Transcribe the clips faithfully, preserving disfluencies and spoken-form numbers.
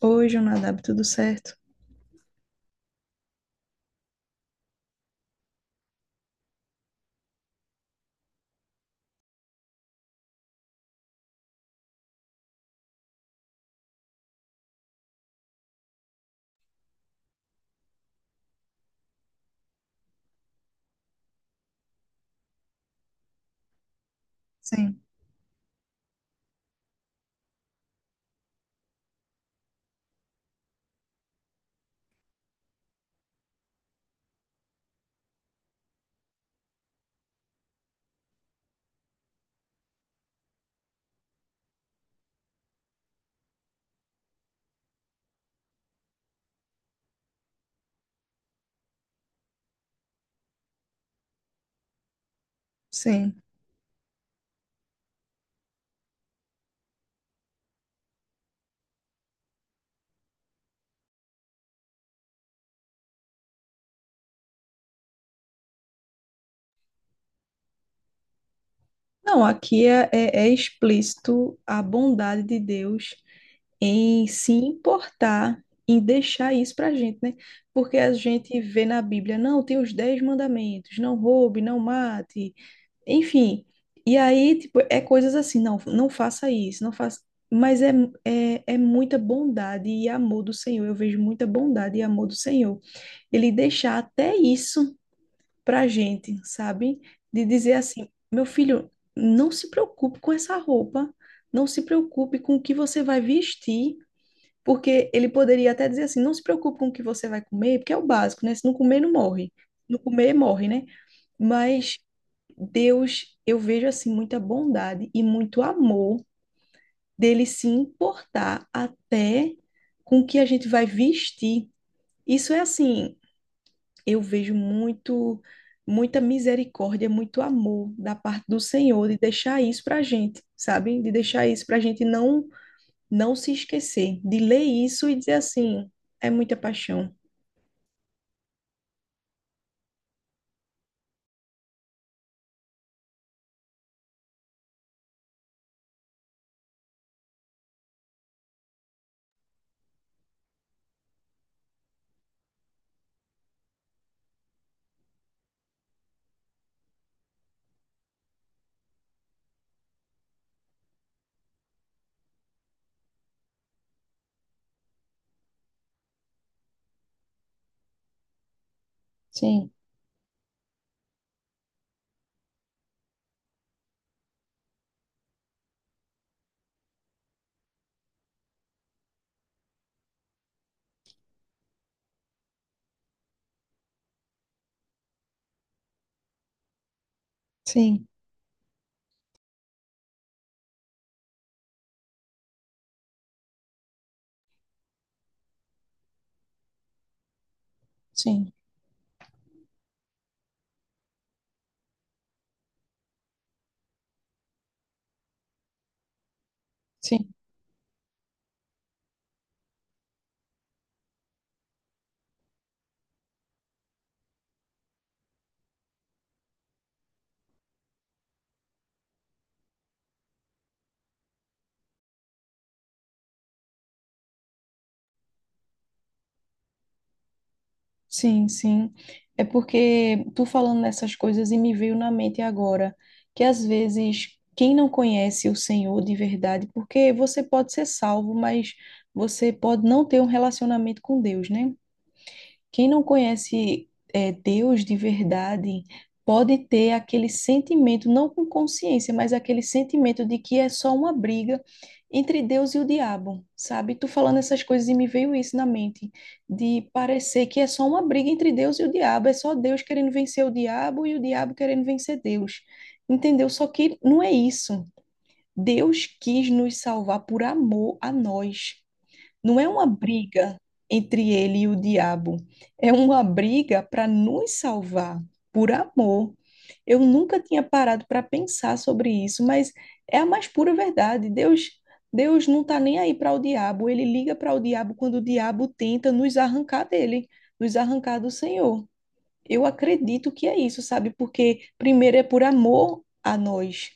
Hoje Oi, Jonadab, tudo certo? Sim. Sim. Não, aqui é, é- é explícito a bondade de Deus em se importar, em deixar isso pra gente, né? Porque a gente vê na Bíblia, não, tem os dez mandamentos, não roube, não mate, enfim. E aí, tipo, é coisas assim, não, não faça isso, não faça. Mas é, é, é muita bondade e amor do Senhor. Eu vejo muita bondade e amor do Senhor. Ele deixar até isso pra gente, sabe? De dizer assim, meu filho, não se preocupe com essa roupa, não se preocupe com o que você vai vestir, porque ele poderia até dizer assim, não se preocupe com o que você vai comer, porque é o básico, né? Se não comer, não morre. Não comer, morre, né? Mas Deus, eu vejo assim muita bondade e muito amor dele se importar até com o que a gente vai vestir. Isso é assim, eu vejo muito, muita misericórdia, muito amor da parte do Senhor de deixar isso para a gente, sabe? De deixar isso para a gente não, não se esquecer, de ler isso e dizer assim, é muita paixão. Sim, sim, sim, sim, sim, sim. É porque tu falando nessas coisas e me veio na mente agora que às vezes quem não conhece o Senhor de verdade, porque você pode ser salvo, mas você pode não ter um relacionamento com Deus, né? Quem não conhece é, Deus de verdade pode ter aquele sentimento, não com consciência, mas aquele sentimento de que é só uma briga entre Deus e o diabo, sabe? Tu falando essas coisas e me veio isso na mente, de parecer que é só uma briga entre Deus e o diabo, é só Deus querendo vencer o diabo e o diabo querendo vencer Deus, entendeu? Só que não é isso. Deus quis nos salvar por amor a nós. Não é uma briga entre ele e o diabo, é uma briga para nos salvar, por amor. Eu nunca tinha parado para pensar sobre isso, mas é a mais pura verdade. Deus, Deus não está nem aí para o diabo, ele liga para o diabo quando o diabo tenta nos arrancar dele, nos arrancar do Senhor. Eu acredito que é isso, sabe? Porque primeiro é por amor a nós,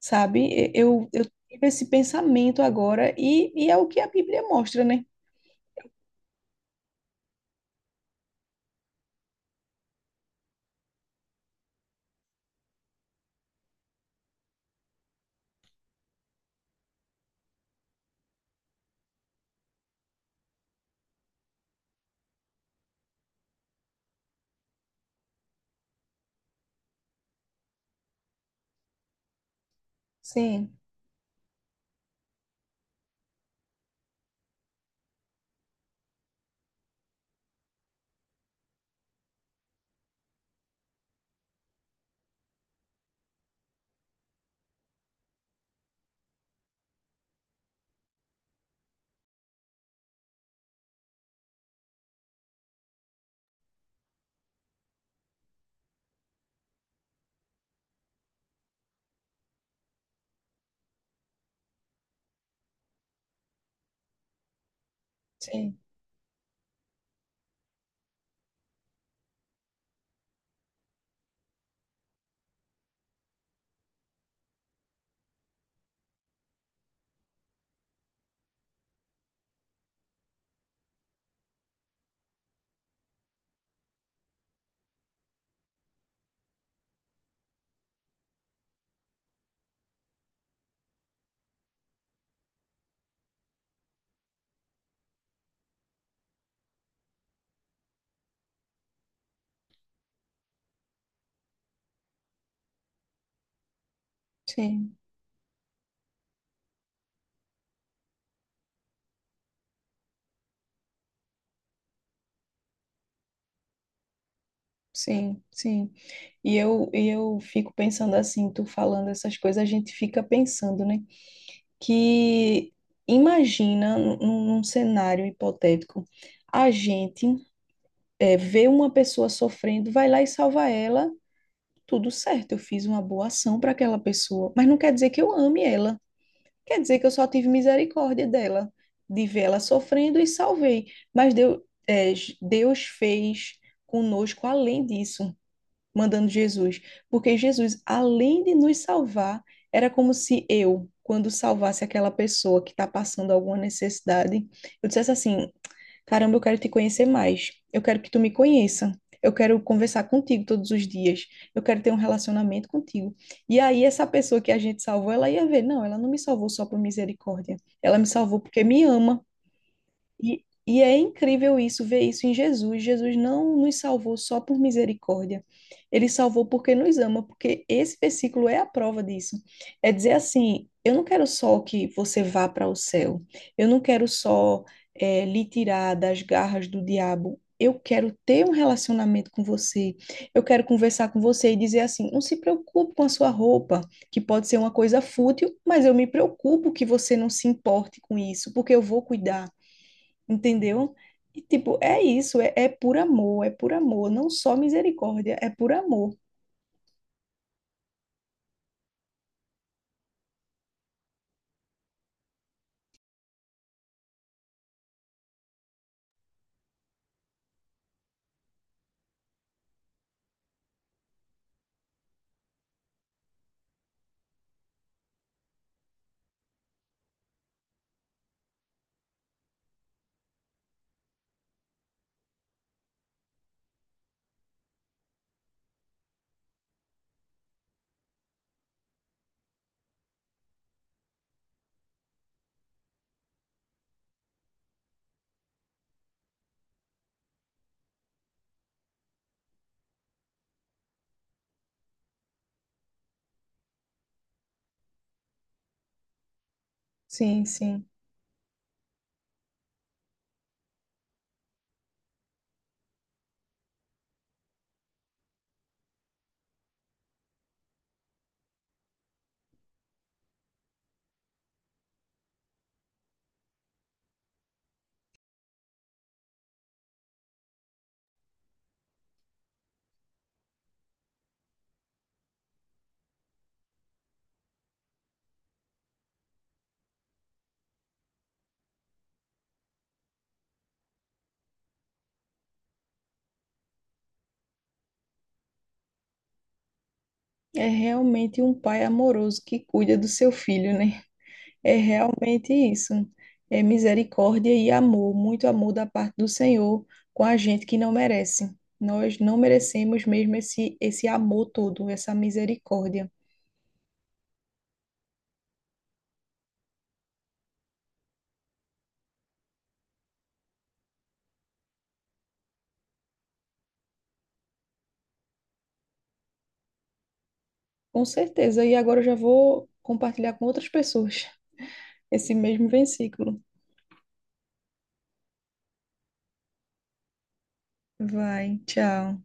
sabe? Eu, eu tive esse pensamento agora e, e é o que a Bíblia mostra, né? Sim, sim, sim, sim, sim. E eu, e eu fico pensando assim, tu falando essas coisas, a gente fica pensando, né? Que imagina num, num cenário hipotético, a gente eh, vê uma pessoa sofrendo, vai lá e salva ela, tudo certo, eu fiz uma boa ação para aquela pessoa, mas não quer dizer que eu ame ela. Quer dizer que eu só tive misericórdia dela, de ver ela sofrendo e salvei. Mas Deus, é, Deus fez conosco além disso, mandando Jesus. Porque Jesus, além de nos salvar, era como se eu, quando salvasse aquela pessoa que está passando alguma necessidade, eu dissesse assim: Caramba, eu quero te conhecer mais. Eu quero que tu me conheça. Eu quero conversar contigo todos os dias. Eu quero ter um relacionamento contigo. E aí, essa pessoa que a gente salvou, ela ia ver, não, ela não me salvou só por misericórdia. Ela me salvou porque me ama. E, e é incrível isso, ver isso em Jesus. Jesus não nos salvou só por misericórdia. Ele salvou porque nos ama, porque esse versículo é a prova disso. É dizer assim: eu não quero só que você vá para o céu, eu não quero só eh, lhe tirar das garras do diabo. Eu quero ter um relacionamento com você. Eu quero conversar com você e dizer assim: não se preocupe com a sua roupa, que pode ser uma coisa fútil, mas eu me preocupo que você não se importe com isso, porque eu vou cuidar, entendeu? E, tipo, é isso, é, é por amor, é por amor, não só misericórdia, é por amor. Sim, sim. É realmente um pai amoroso que cuida do seu filho, né? É realmente isso. É misericórdia e amor, muito amor da parte do Senhor com a gente que não merece. Nós não merecemos mesmo esse, esse amor todo, essa misericórdia. Com certeza. E agora eu já vou compartilhar com outras pessoas esse mesmo versículo. Vai, tchau.